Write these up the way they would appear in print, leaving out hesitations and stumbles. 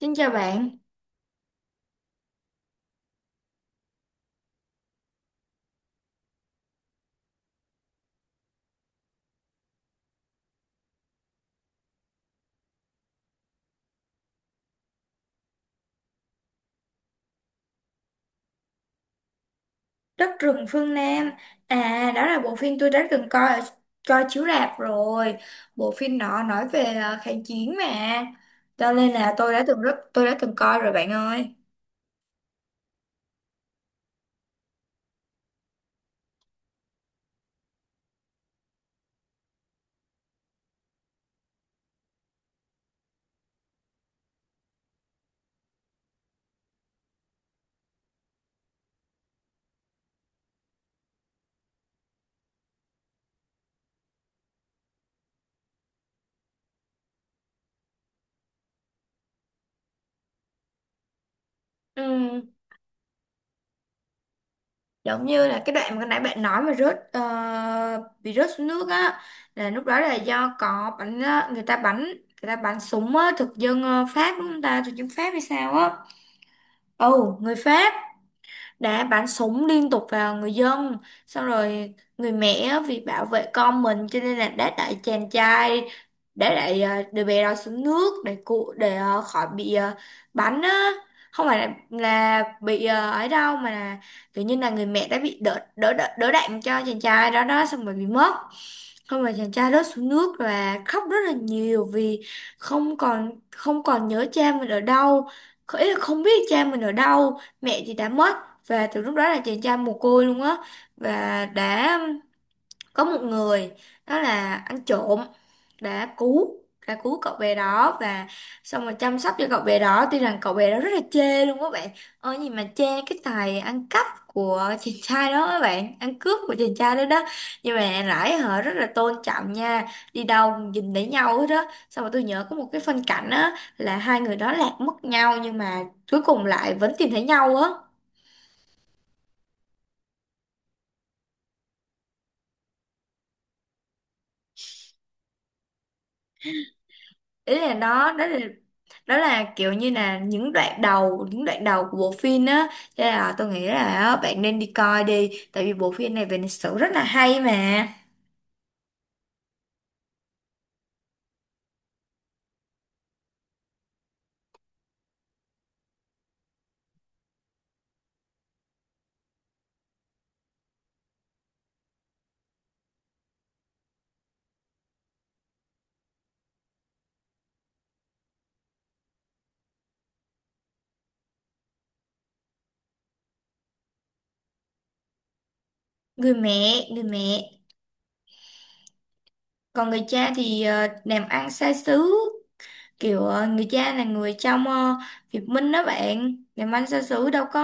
Xin chào bạn, Đất rừng phương Nam. À, đó là bộ phim tôi đã từng coi chiếu rạp rồi. Bộ phim đó nói về kháng chiến mà. Cho nên là tôi đã từng coi rồi bạn ơi. Ừ, giống như là cái đoạn mà nãy bạn nói mà bị rớt xuống nước á, là lúc đó là do có người ta bắn súng á, thực dân Pháp đúng không ta, thực dân Pháp hay sao á. Ồ, người Pháp đã bắn súng liên tục vào người dân, xong rồi người mẹ vì bảo vệ con mình cho nên là đã đẩy chàng trai đã đẩy ờ, đứa bé đó xuống nước để khỏi bắn á, không phải là bị ấy đâu, mà là kiểu như là người mẹ đã bị đỡ đạn cho chàng trai đó đó, xong rồi bị mất. Không, rồi chàng trai rớt xuống nước và khóc rất là nhiều vì không còn nhớ cha mình ở đâu, ý là không biết cha mình ở đâu, mẹ thì đã mất. Và từ lúc đó là chàng trai mồ côi luôn á, và đã có một người, đó là ăn trộm, đã cứu đã cứu cậu bé đó, và xong rồi chăm sóc cho cậu bé đó, tuy rằng cậu bé đó rất là chê luôn các bạn ơ, gì mà chê cái tài ăn cắp của chàng trai đó, các bạn, ăn cướp của chàng trai đó đó, nhưng mà lại họ rất là tôn trọng nha, đi đâu cũng nhìn thấy nhau hết đó, xong rồi tôi nhớ có một cái phân cảnh á là hai người đó lạc mất nhau nhưng mà cuối cùng lại vẫn tìm thấy nhau á. Ý là đó đó là Đó là kiểu như là những đoạn đầu của bộ phim á, cho nên là tôi nghĩ là á, bạn nên đi coi đi, tại vì bộ phim này về lịch sử rất là hay mà. Người mẹ, còn người cha thì làm ăn xa xứ, kiểu người cha là người trong Việt Minh đó bạn, làm ăn xa xứ đâu có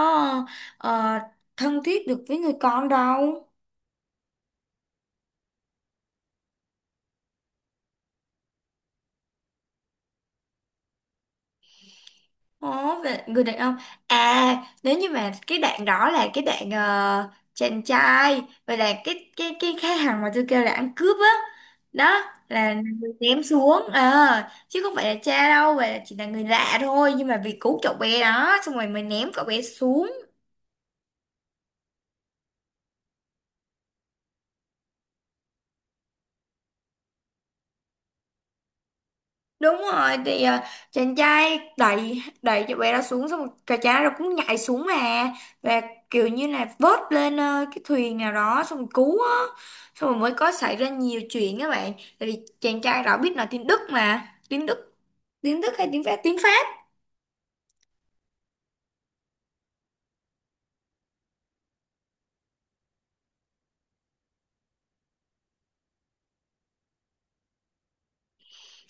ờ, thân thiết được với người con đâu. Ồ, về người đàn ông à, nếu như mà cái đoạn đó là cái đoạn chàng trai, vậy là cái thằng mà tôi kêu là ăn cướp á, đó là người ném xuống, chứ không phải là cha đâu, vậy là chỉ là người lạ thôi, nhưng mà vì cứu cậu bé đó xong rồi mình ném cậu bé xuống. Đúng rồi, thì chàng trai đẩy đẩy cho bé đó xuống, xong rồi cả trai rồi cũng nhảy xuống mà, và kiểu như là vớt lên cái thuyền nào đó, xong rồi cứu á, xong rồi mới có xảy ra nhiều chuyện các bạn, tại vì chàng trai đó biết nói tiếng Đức mà, tiếng Đức hay tiếng Pháp.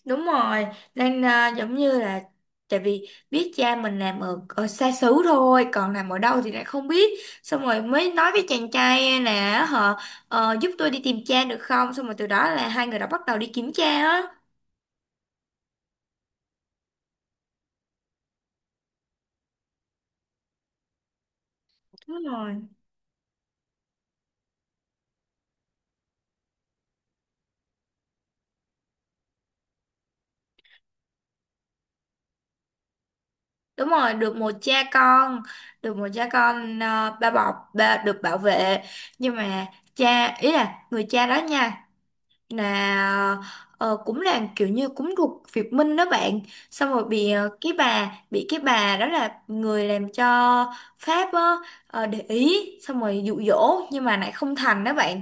Đúng rồi, nên à, giống như là tại vì biết cha mình làm ở, ở xa xứ thôi, còn làm ở đâu thì lại không biết. Xong rồi mới nói với chàng trai là họ giúp tôi đi tìm cha được không? Xong rồi từ đó là hai người đã bắt đầu đi kiếm cha á. Đúng rồi. Đúng rồi, được một cha con, được một cha con, ba bọc, ba được bảo vệ. Nhưng mà cha, ý là người cha đó nha, là cũng là kiểu như cũng thuộc Việt Minh đó bạn, xong rồi cái bà, bị cái bà đó là người làm cho Pháp á, ờ, để ý xong rồi dụ dỗ nhưng mà lại không thành đó bạn.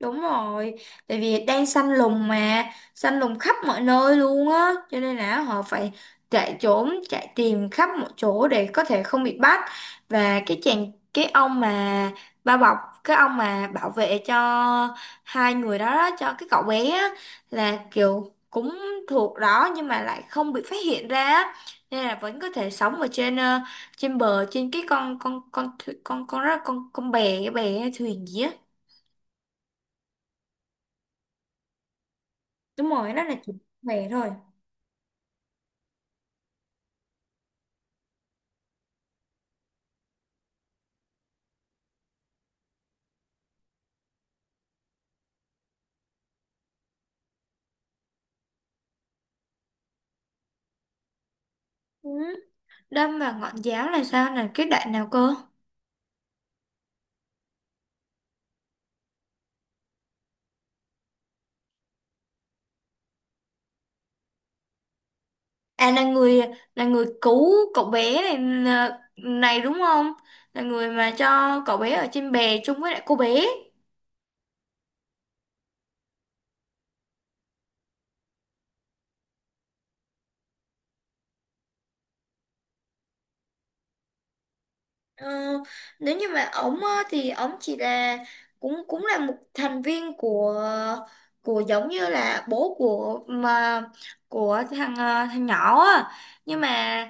Đúng rồi, tại vì đang săn lùng mà, săn lùng khắp mọi nơi luôn á, cho nên là họ phải chạy trốn, chạy tìm khắp mọi chỗ để có thể không bị bắt. Và cái ông mà bao bọc, cái ông mà bảo vệ cho hai người đó, đó cho cái cậu bé á, là kiểu cũng thuộc đó nhưng mà lại không bị phát hiện ra á, nên là vẫn có thể sống ở trên trên bờ, trên cái con bè cái bè thuyền gì á. Đúng rồi, nó là chỉ về thôi. Ừ. Đâm vào ngọn giáo là sao, là cái đoạn nào cơ? À, là người, là người cứu cậu bé này này đúng không? Là người mà cho cậu bé ở trên bè chung với lại cô bé. Ờ, nếu như mà ổng á, thì ổng chỉ là cũng cũng là một thành viên của giống như là bố của mà của thằng nhỏ á. Nhưng mà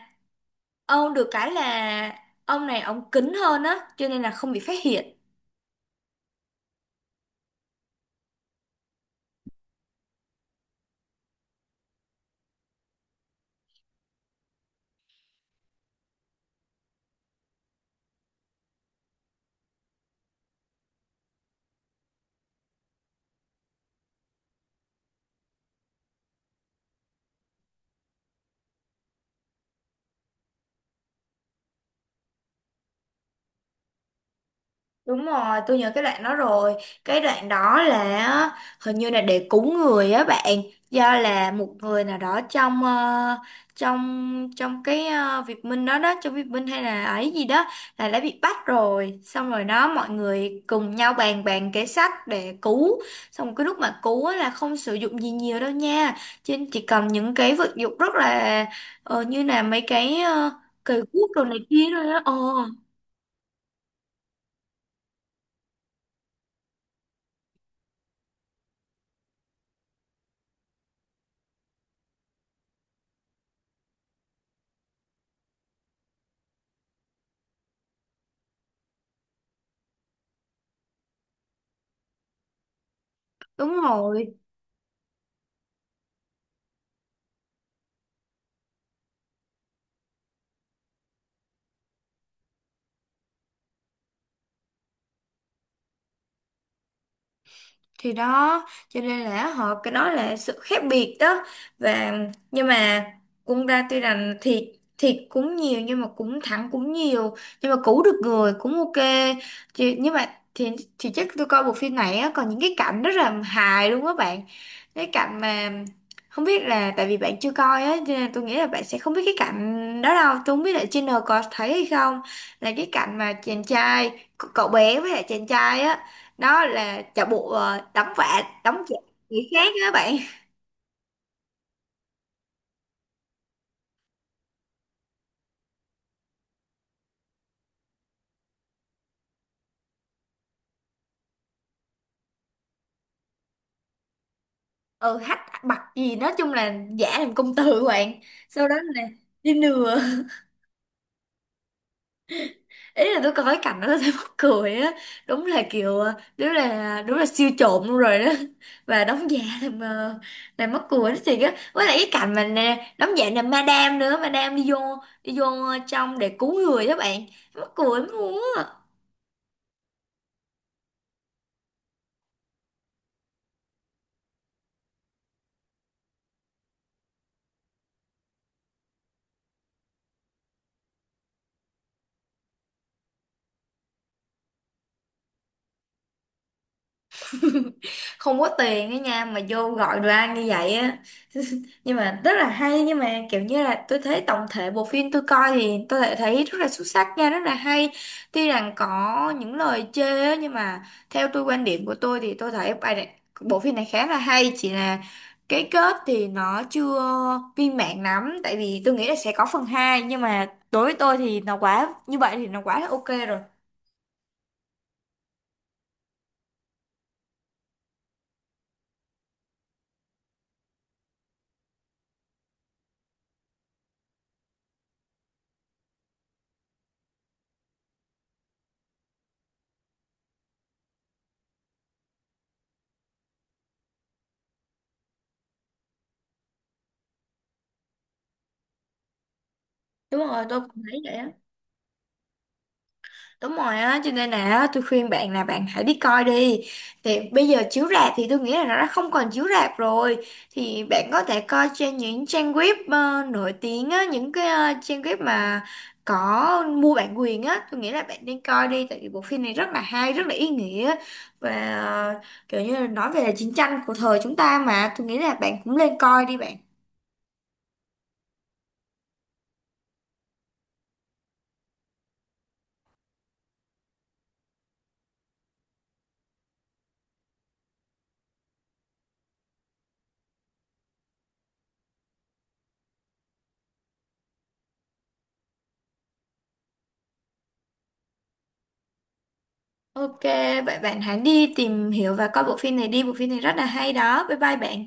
ông được cái là ông này ông kín hơn á, cho nên là không bị phát hiện. Đúng rồi, tôi nhớ cái đoạn đó rồi. Cái đoạn đó là á, hình như là để cúng người á bạn, do là một người nào đó trong trong trong cái Việt Minh đó đó, trong Việt Minh hay là ấy gì đó, là đã bị bắt rồi. Xong rồi đó mọi người cùng nhau bàn bàn kế sách để cứu. Xong cái lúc mà cứu á, là không sử dụng gì nhiều đâu nha. Trên chỉ cầm những cái vật dụng rất là ờ, như là mấy cái uh, cầy cuốc đồ này kia thôi á. Ờ, đúng rồi. Thì đó cho nên là họ, cái đó là sự khác biệt đó, và nhưng mà cũng ra, tuy rằng thiệt thiệt cũng nhiều nhưng mà cũng thẳng cũng nhiều, nhưng mà cứu được người cũng ok. Nhưng mà thì thì chắc tôi coi bộ phim này á, còn những cái cảnh rất là hài luôn á bạn, cái cảnh mà, không biết là tại vì bạn chưa coi á cho nên tôi nghĩ là bạn sẽ không biết cái cảnh đó đâu, tôi không biết là trên N có thấy hay không, là cái cảnh mà chàng trai, cậu bé với lại chàng trai á, đó là chợ bộ đóng vạ đóng giả người khác á bạn. Ừ, hách bặc gì, nói chung là giả làm công tử của bạn, sau đó là đi lừa, ý là tôi coi cái cảnh đó tôi thấy mắc cười á, đúng là kiểu đúng là siêu trộm luôn rồi đó, và đóng giả làm làm mắc cười đó thì á, với lại cái cảnh mà nè, đóng giả làm madam nữa, madam đi vô, đi vô trong để cứu người đó bạn, mắc cười lắm luôn á. Không có tiền á nha mà vô gọi đồ ăn như vậy á, nhưng mà rất là hay, nhưng mà kiểu như là tôi thấy tổng thể bộ phim tôi coi thì tôi lại thấy rất là xuất sắc nha, rất là hay, tuy rằng có những lời chê á, nhưng mà theo tôi, quan điểm của tôi thì tôi thấy bài này, bộ phim này khá là hay, chỉ là cái kết thì nó chưa viên mãn lắm, tại vì tôi nghĩ là sẽ có phần hai, nhưng mà đối với tôi thì nó quá, như vậy thì nó quá là ok rồi. Đúng rồi tôi cũng thấy vậy á. Đúng rồi á, cho nên là á, tôi khuyên bạn là bạn hãy đi coi đi. Thì bây giờ chiếu rạp thì tôi nghĩ là nó đã không còn chiếu rạp rồi. Thì bạn có thể coi trên những trang web nổi tiếng á, những cái trang web mà có mua bản quyền á. Tôi nghĩ là bạn nên coi đi, tại vì bộ phim này rất là hay, rất là ý nghĩa. Và ờ, kiểu như là nói về là chiến tranh của thời chúng ta mà. Tôi nghĩ là bạn cũng nên coi đi bạn. Ok, vậy bạn hãy đi tìm hiểu và coi bộ phim này đi. Bộ phim này rất là hay đó. Bye bye bạn.